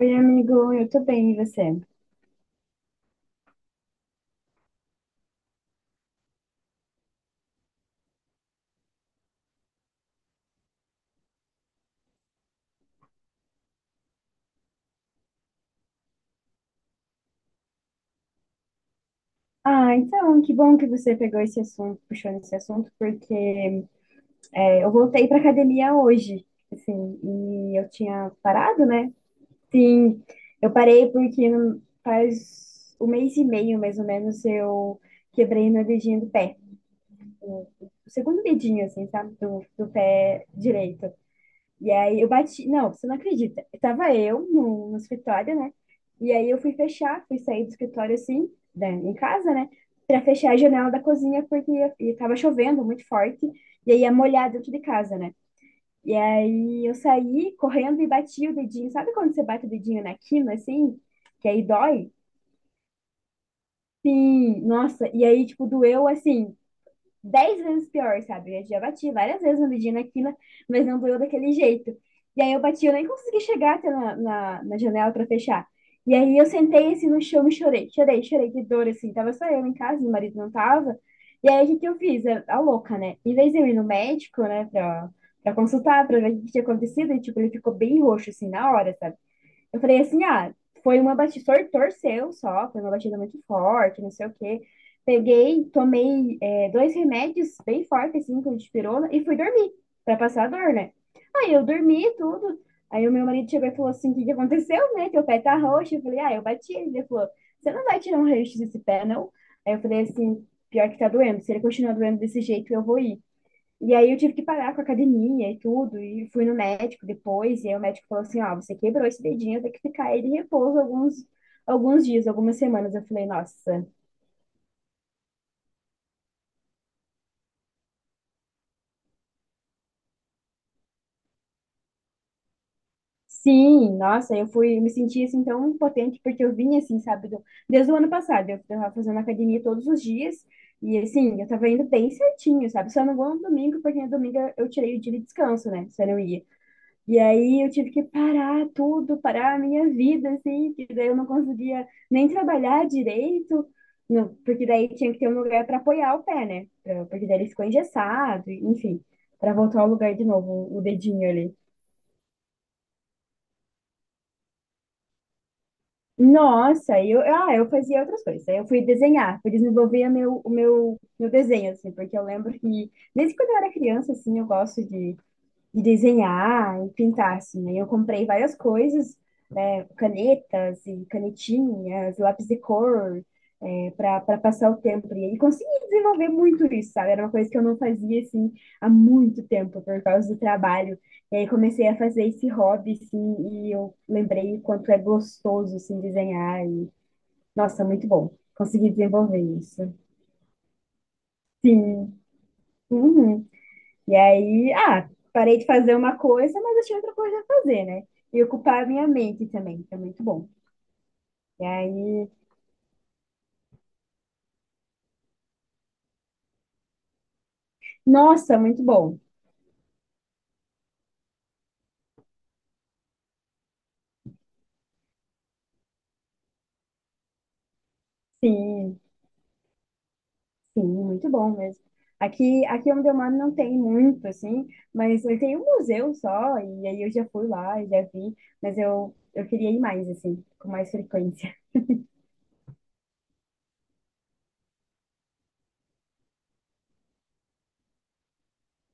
Oi, amigo, eu tô bem, e você? Ah, então, que bom que você pegou esse assunto, puxou nesse assunto, porque eu voltei pra academia hoje, assim, e eu tinha parado, né? Sim, eu parei porque faz um mês e meio, mais ou menos, eu quebrei meu dedinho do pé. O o segundo dedinho, assim, sabe? Do pé direito. E aí eu bati. Não, você não acredita. Tava eu no escritório, né? E aí eu fui fechar, fui sair do escritório, assim, né, em casa, né? Pra fechar a janela da cozinha, porque e tava chovendo muito forte. E aí ia molhar dentro de casa, né? E aí eu saí correndo e bati o dedinho. Sabe quando você bate o dedinho na quina, assim? Que aí dói? Sim, nossa. E aí, tipo, doeu assim 10 vezes pior, sabe? Eu já bati várias vezes na medida aqui, né? Mas não doeu daquele jeito. E aí eu bati, eu nem consegui chegar até na janela para fechar. E aí eu sentei assim no chão e chorei, chorei, chorei de dor, assim. Tava só eu em casa, meu marido não tava. E aí o que que eu fiz? A louca, né? Em vez de eu ir no médico, né, pra consultar, pra ver o que que tinha acontecido, e, tipo, ele ficou bem roxo, assim, na hora, sabe? Eu falei assim, ah, foi uma batida, torceu só, foi uma batida muito forte, não sei o quê. Peguei, tomei dois remédios bem fortes, assim, com dipirona, e fui dormir, pra passar a dor, né? Aí eu dormi e tudo. Aí o meu marido chegou e falou assim, o que que aconteceu, né? Teu pé tá roxo. Eu falei, ah, eu bati. Ele falou, você não vai tirar um raio desse pé, não? Aí eu falei assim, pior que tá doendo. Se ele continuar doendo desse jeito, eu vou ir. E aí eu tive que parar com a academia e tudo, e fui no médico depois, e aí o médico falou assim, ó, você quebrou esse dedinho, tem que ficar ele em repouso alguns, alguns dias, algumas semanas. Eu falei, nossa, sim, nossa, eu fui, me senti assim tão impotente, porque eu vinha assim, sabe, desde o ano passado, eu tava fazendo academia todos os dias, e assim, eu tava indo bem certinho, sabe, só não vou no domingo, porque no domingo eu tirei o dia de descanso, né, se eu não ia. E aí eu tive que parar tudo, parar a minha vida, assim, que daí eu não conseguia nem trabalhar direito, não, porque daí tinha que ter um lugar para apoiar o pé, né? Pra- porque daí ele ficou engessado, enfim, para voltar ao lugar de novo, o dedinho ali. Nossa, aí eu, ah, eu fazia outras coisas. Aí eu fui desenhar, fui desenvolver meu, o meu, meu desenho, assim, porque eu lembro que desde quando eu era criança, assim, eu gosto de desenhar e pintar, assim. Aí eu comprei várias coisas canetas e canetinhas, lápis de cor, para passar o tempo. E aí consegui desenvolver muito isso, sabe? Era uma coisa que eu não fazia, assim, há muito tempo, por causa do trabalho. E aí comecei a fazer esse hobby, assim, e eu lembrei o quanto é gostoso, assim, desenhar. E, nossa, muito bom. Consegui desenvolver isso. Sim. Uhum. E aí, ah, parei de fazer uma coisa, mas achei outra coisa a fazer, né? E ocupar a minha mente também, que é muito bom. E aí, nossa, muito bom. Sim, sim, muito bom mesmo. Aqui, aqui onde eu moro não tem muito, assim, mas tem um museu só, e aí eu já fui lá, e já vi, mas eu queria ir mais, assim, com mais frequência.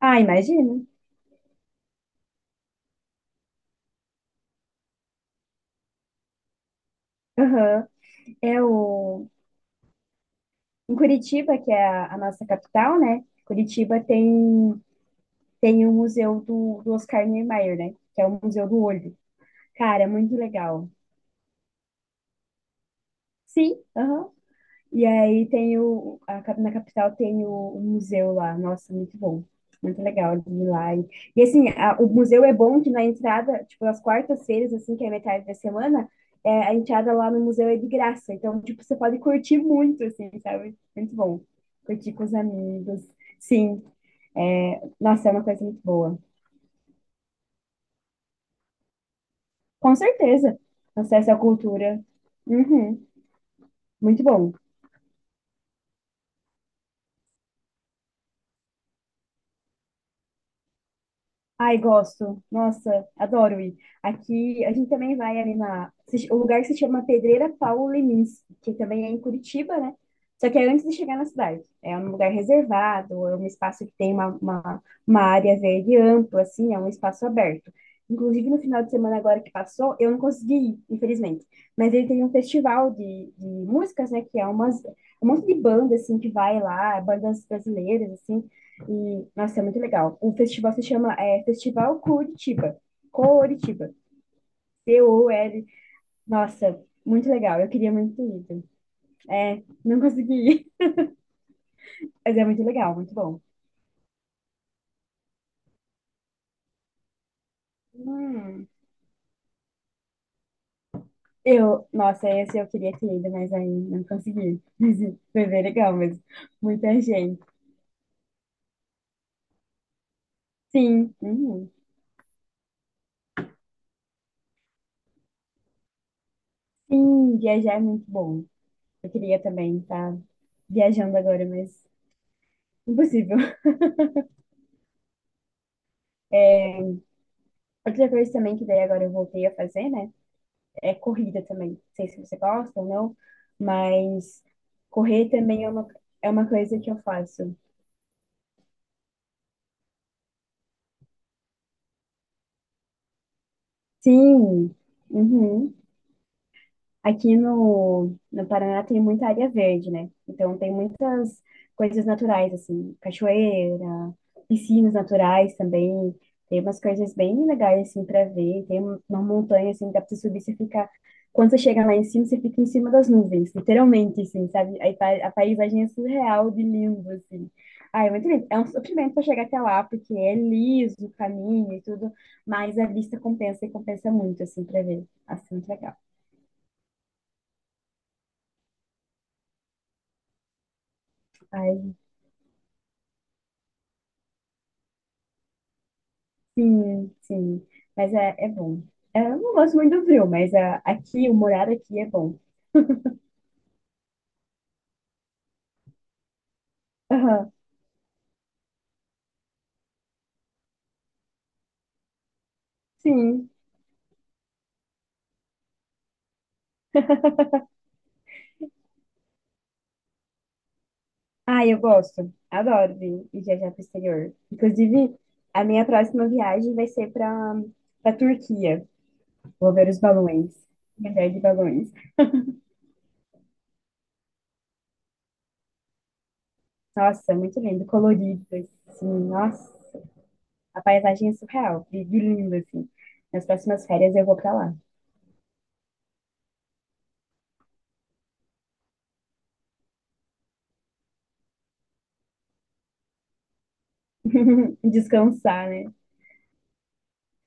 Ah, imagino. Aham. É o... Em Curitiba, que é a nossa capital, né? Curitiba tem, tem o museu do Oscar Niemeyer, né? Que é o Museu do Olho. Cara, é muito legal. Sim, aham. E aí tem o, a cap- na capital tem o museu lá. Nossa, muito bom. Muito legal de ir lá. E assim, o museu é bom que na entrada, tipo, às quartas-feiras, assim, que é metade da semana, é, a entrada lá no museu é de graça. Então, tipo, você pode curtir muito, assim, sabe? Muito bom. Curtir com os amigos. Sim, é, nossa, é uma coisa muito boa. Com certeza. Acesso à cultura. Uhum, muito bom. Ai, gosto. Nossa, adoro ir. Aqui, a gente também vai ali na... O lugar se chama Pedreira Paulo Lemins, que também é em Curitiba, né? Só que é antes de chegar na cidade. É um lugar reservado, é um espaço que tem uma área verde ampla, assim, é um espaço aberto. Inclusive, no final de semana agora que passou, eu não consegui ir, infelizmente. Mas ele tem um festival de músicas, né? Que é um monte de banda, assim, que vai lá, bandas brasileiras, assim. E, nossa, é muito legal. O festival se chama Festival Curitiba. Curitiba. COL. Nossa, muito legal. Eu queria muito ter ido. É, não consegui ir. Mas é muito legal, muito bom. Hum. Eu, nossa, esse eu queria ter ido, mas aí não consegui. Mas foi bem legal, mas muita gente. Sim, uhum. Sim, viajar é muito bom. Eu queria também estar viajando agora, mas impossível. Outra coisa também que daí agora eu voltei a fazer, né? É corrida também. Não sei se você gosta ou não, mas correr também é uma coisa que eu faço. Sim, uhum. Aqui no Paraná tem muita área verde, né? Então tem muitas coisas naturais, assim, cachoeira, piscinas naturais também. Tem umas coisas bem legais, assim, para ver. Tem uma montanha, assim, que dá pra você subir, você fica... Quando você chega lá em cima, você fica em cima das nuvens, literalmente, assim, sabe? Aí a paisagem é surreal de lindo, assim. Ah, é muito lindo. É um sofrimento para chegar até lá, porque é liso o caminho e tudo, mas a vista compensa e compensa muito, assim, para ver. Assim, muito legal. Ai, sim, sim. Mas é, é bom. É, eu não gosto muito do frio, mas ah, aqui, o morar aqui é bom. Aham, sim. Ah, eu gosto. Adoro vir e viajar para o exterior. Inclusive, a minha próxima viagem vai ser para para Turquia. Vou ver os balões. Viajar de balões. Nossa, muito lindo, colorido, assim. Nossa, a paisagem é surreal. E lindo, assim. Nas próximas férias eu vou para lá. Descansar, né?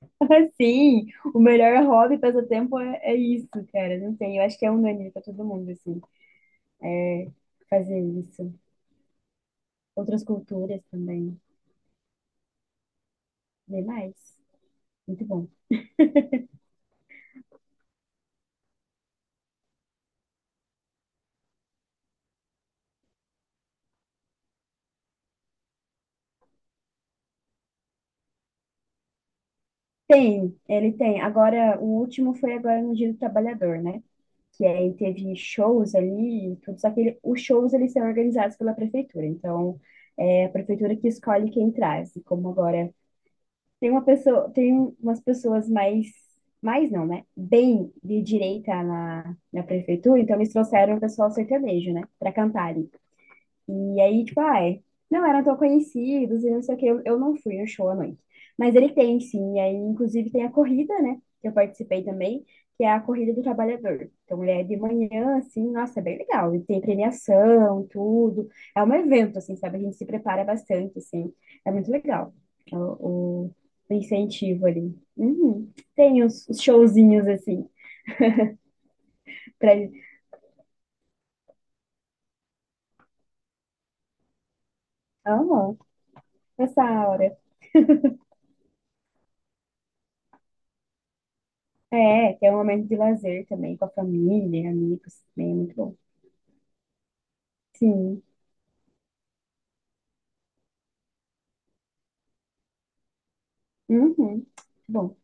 Assim, o melhor hobby, passatempo é, é isso, cara. Não sei, eu acho que é unânime pra todo mundo, assim, é fazer isso. Outras culturas também. Vem mais. Muito bom. Tem, ele tem. Agora, o último foi agora no Dia do Trabalhador, né? Que aí teve shows ali e tudo. Só que ele- os shows, eles são organizados pela prefeitura. Então, é a prefeitura que escolhe quem traz. E como agora tem uma pessoa, tem umas pessoas mais, mais não, né? Bem de direita na prefeitura, então eles trouxeram o pessoal sertanejo, né? Pra cantarem. E aí, tipo, ai, não eram tão conhecidos e não sei o que, eu não fui no show à noite. Mas ele tem, sim, e aí, inclusive, tem a corrida, né, que eu participei também, que é a Corrida do Trabalhador. Então, ele é de manhã, assim, nossa, é bem legal. E tem premiação, tudo. É um evento, assim, sabe? A gente se prepara bastante, assim. É muito legal o, o, o incentivo ali. Uhum. Tem os showzinhos, assim, pra... Amo, essa aura. É, que é um momento de lazer também com a família, amigos, também é muito bom. Sim. Uhum. Muito bom,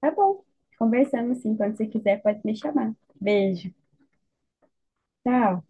tá bom. Conversamos sim. Quando você quiser, pode me chamar. Beijo. Tchau.